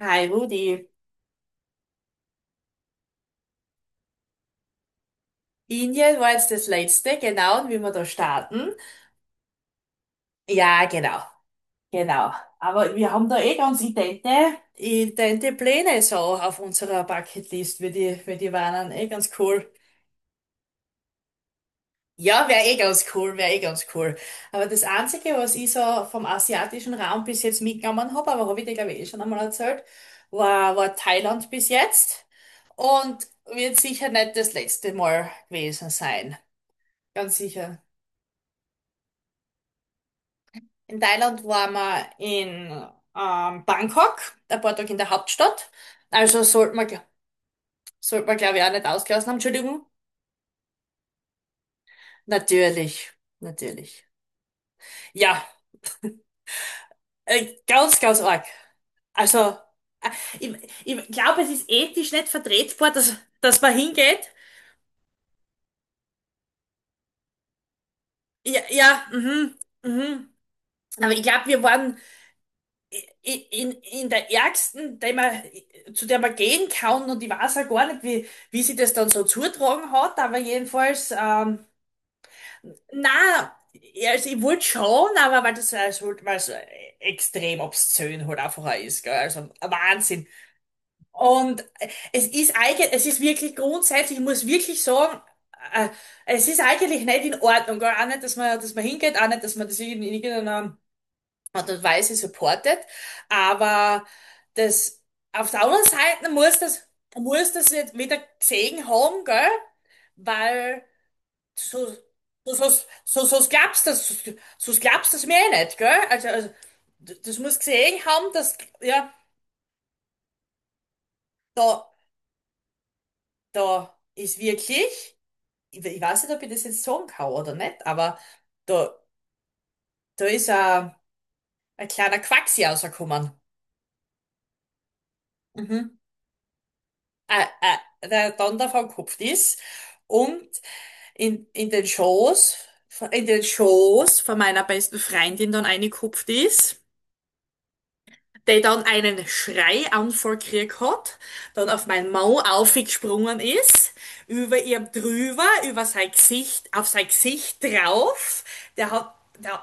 Hi Rudi. Indien war jetzt das letzte, genau, und wie wir da starten. Ja, genau, genau. Aber wir haben da eh ganz idente Pläne so auf unserer Bucketlist, wie die waren. Eh ganz cool. Ja, wäre eh ganz cool, wäre eh ganz cool. Aber das Einzige, was ich so vom asiatischen Raum bis jetzt mitgenommen habe, aber habe ich dir, glaube ich, eh schon einmal erzählt, war Thailand bis jetzt und wird sicher nicht das letzte Mal gewesen sein. Ganz sicher. In Thailand waren wir in Bangkok, ein paar Tage in der Hauptstadt. Also sollte man, glaube ich, auch nicht ausgelassen haben. Entschuldigung. Natürlich, natürlich. Ja, ganz, ganz arg. Also, äh, ich, ich glaube, es ist ethisch nicht vertretbar, dass man hingeht. Ja, ja, mhm, mhm. Aber ich glaube, wir waren in der ärgsten, zu der man gehen kann, und ich weiß auch gar nicht, wie sie das dann so zutragen hat, aber jedenfalls, na, ja, also ich wollte schon, aber weil das halt, weil so extrem obszön halt einfach auch ist, gell? Also ein Wahnsinn. Und es ist eigentlich, es ist wirklich grundsätzlich, ich muss wirklich sagen, äh, es ist eigentlich nicht in Ordnung, gell? Auch nicht, dass man hingeht, auch nicht, dass man das in irgendeiner Art und Weise supportet. Aber das, auf der anderen Seite muss das jetzt wieder gesehen haben, gell? Weil so, so, so, so, so glaubst du das, so glaubst du das mir eh nicht, gell? Also das muss gesehen haben, dass, ja, da, da ist wirklich, ich weiß nicht, ob ich das jetzt sagen kann oder nicht, aber da, da ist ein kleiner Quacksi rausgekommen. Mhm. äh, der Donner vom Kopf ist und in, in den Schoß, in den Schoß von meiner besten Freundin dann eingekupft ist, der dann einen Schreianfall gekriegt hat, dann auf mein Maul aufgesprungen ist, über ihr drüber, über sein Gesicht, auf sein Gesicht drauf, der hat, der,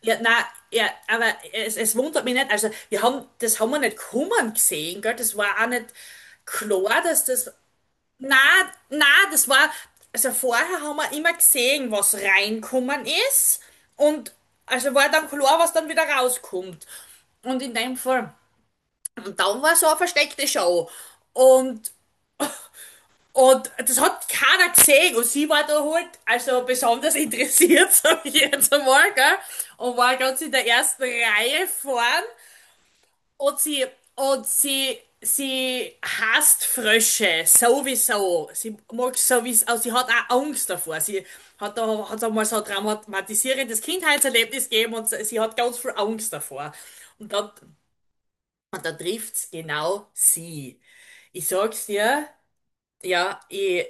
ja, nein, ja, aber es wundert mich nicht. Also wir haben, das haben wir nicht kommen gesehen, gell, das war auch nicht klar, dass das, na, na, das war, also vorher haben wir immer gesehen, was reinkommen ist, und also war dann klar, was dann wieder rauskommt. Und in dem Fall, und dann war so eine versteckte Show. Und, und das hat keiner gesehen, und sie war da halt, also besonders interessiert, sag ich jetzt einmal, gell, und war ganz in der ersten Reihe vorn. Und sie, und sie, sie hasst Frösche sowieso. Sie mag sowieso, also sie hat auch Angst davor. Sie hat einmal so ein traumatisierendes Kindheitserlebnis gegeben, und sie hat ganz viel Angst davor. Und dann, und dann trifft's genau sie. Ich sag's dir, ja,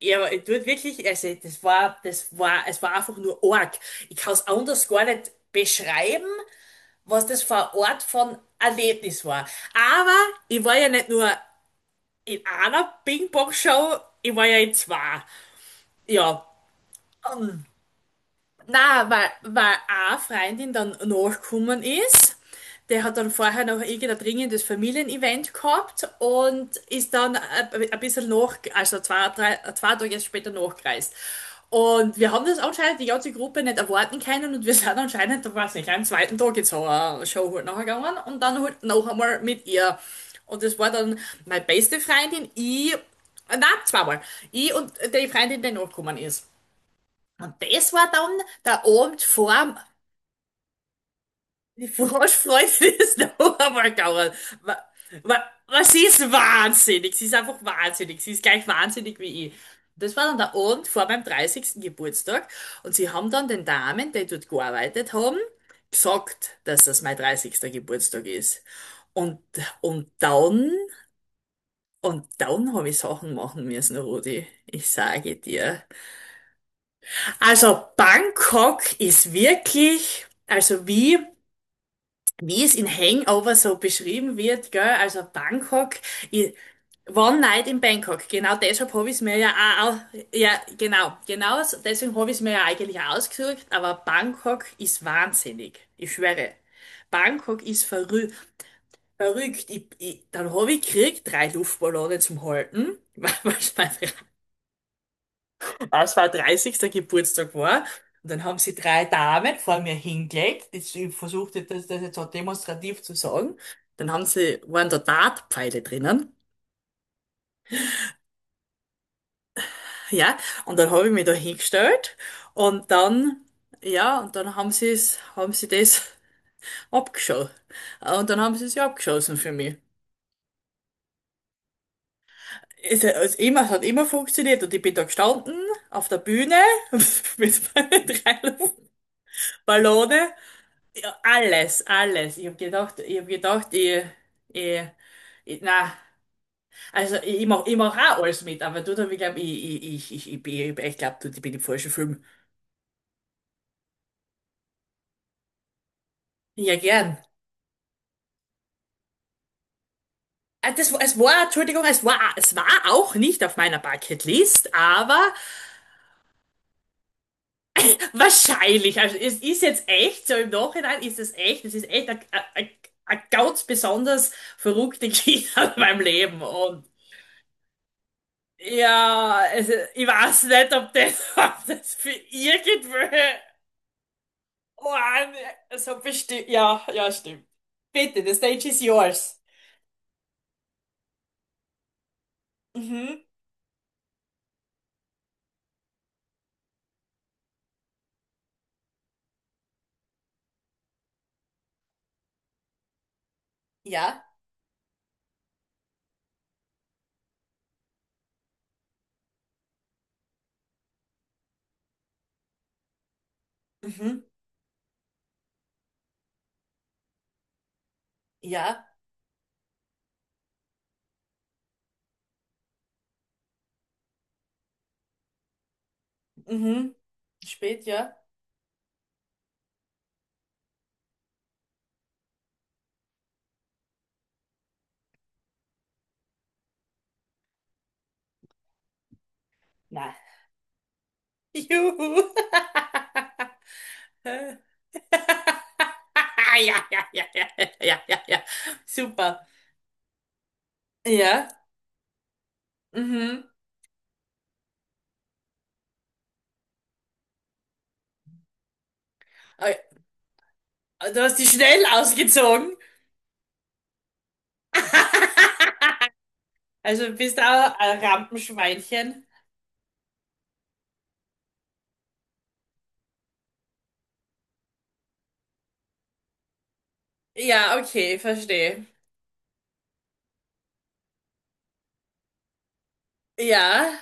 ja, ich tut wirklich, also das war, es war einfach nur arg. Ich kann's anders gar nicht beschreiben, was das für ein Ort von Erlebnis war. Aber ich war ja nicht nur in einer Ping-Pong-Show, ich war ja in zwei. Ja. Na, weil eine Freundin dann nachgekommen ist. Der hat dann vorher noch irgendein dringendes Familienevent gehabt und ist dann ein also zwei, drei, zwei Tage später nachgereist. Und wir haben das anscheinend die ganze Gruppe nicht erwarten können, und wir sind anscheinend, da weiß nicht, am zweiten Tag jetzt so eine Show halt nachher gegangen und dann halt noch einmal mit ihr. Und das war dann meine beste Freundin, nein, zweimal, ich und die Freundin, die nachgekommen ist. Und das war dann der Abend vor dem die Vorfreude des Dauermarkauers. Wa- Was, sie ist wahnsinnig? Sie ist einfach wahnsinnig. Sie ist gleich wahnsinnig wie ich. Das war dann der Abend vor meinem dreißigsten Geburtstag. Und sie haben dann den Damen, die dort gearbeitet haben, gesagt, dass das mein dreißigster Geburtstag ist. Und, und dann, und dann habe ich Sachen machen müssen, Rudi. Ich sage dir. Also Bangkok ist wirklich, also wie, es in Hangover so beschrieben wird, gell? Also Bangkok, i- One Night in Bangkok. Genau deshalb habe ich es mir ja auch, ja, genau, genau, deswegen habe ich es mir ja eigentlich auch ausgesucht, aber Bangkok ist wahnsinnig. Ich schwöre. Bangkok ist verrückt. Dann habe ich gekriegt, drei Luftballone zum Halten, weil als war 30. Geburtstag war. Und dann haben sie drei Damen vor mir hingelegt. Ich versuchte das jetzt so demonstrativ zu sagen. Dann waren da Dartpfeile drinnen. Ja, und dann habe ich mich da hingestellt. Und dann, ja, und dann haben sie das abgeschossen. Und dann haben sie es ja abgeschossen für mich. Es hat immer funktioniert, und ich bin da gestanden auf der Bühne mit meinen drei Luftballone. Alles, alles. Ich habe gedacht, ich, ich na, also ich mach auch alles mit, aber du, da, ich glaube, ich glaube, du, ich bin im falschen Film. Ja, gern. Ah, es war, Entschuldigung, es war auch nicht auf meiner Bucketlist, aber wahrscheinlich. Also es ist jetzt echt, so im Nachhinein ist es echt, es ist echt eine ganz besonders verrückte Geschichte in meinem Leben und, ja, also ich weiß nicht, ob das, ob das für irgendwelche Ohren so bestimmt. Ja, ja, stimmt. Bitte, the stage is yours. Mhm. Ja. Mhm. Ja. Mhm. Spät, ja. Nein. Juhu. Ja, ja, ja, ja, ja, ja, ja. Super. Ja. Mhm. Äh, Du hast die schnell ausgezogen. Also bist du auch ein Rampenschweinchen. Ja, okay, verstehe. Ja,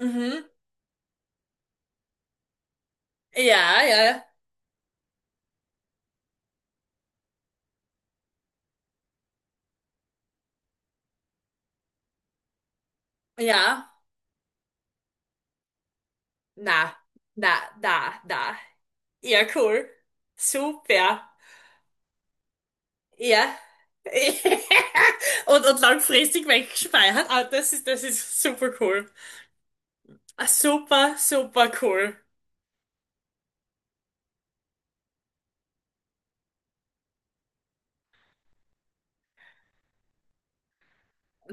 mhm. Ja, ja, ja. Na, na, na, na. Ja, cool. Super. Ja. Und langfristig weggespeichert. Ah, das ist super cool. Ah, super, super cool.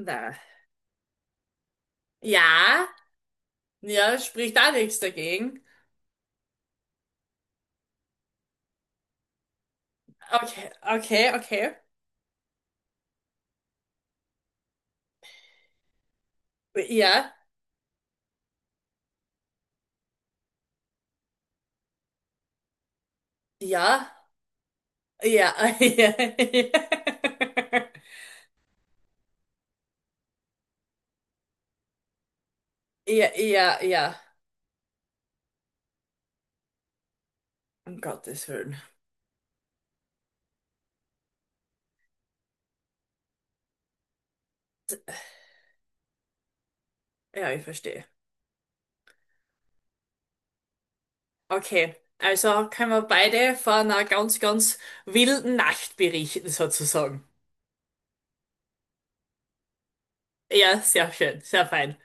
Na. Ja, ja, spricht da nichts dagegen. Okay, okay, okay. Ja, ja, ja, ja, ja, ja, ja. Um Gottes Willen. Ja, ich verstehe. Okay, also können wir beide von einer ganz, ganz wilden Nacht berichten, sozusagen. Ja, sehr schön, sehr fein.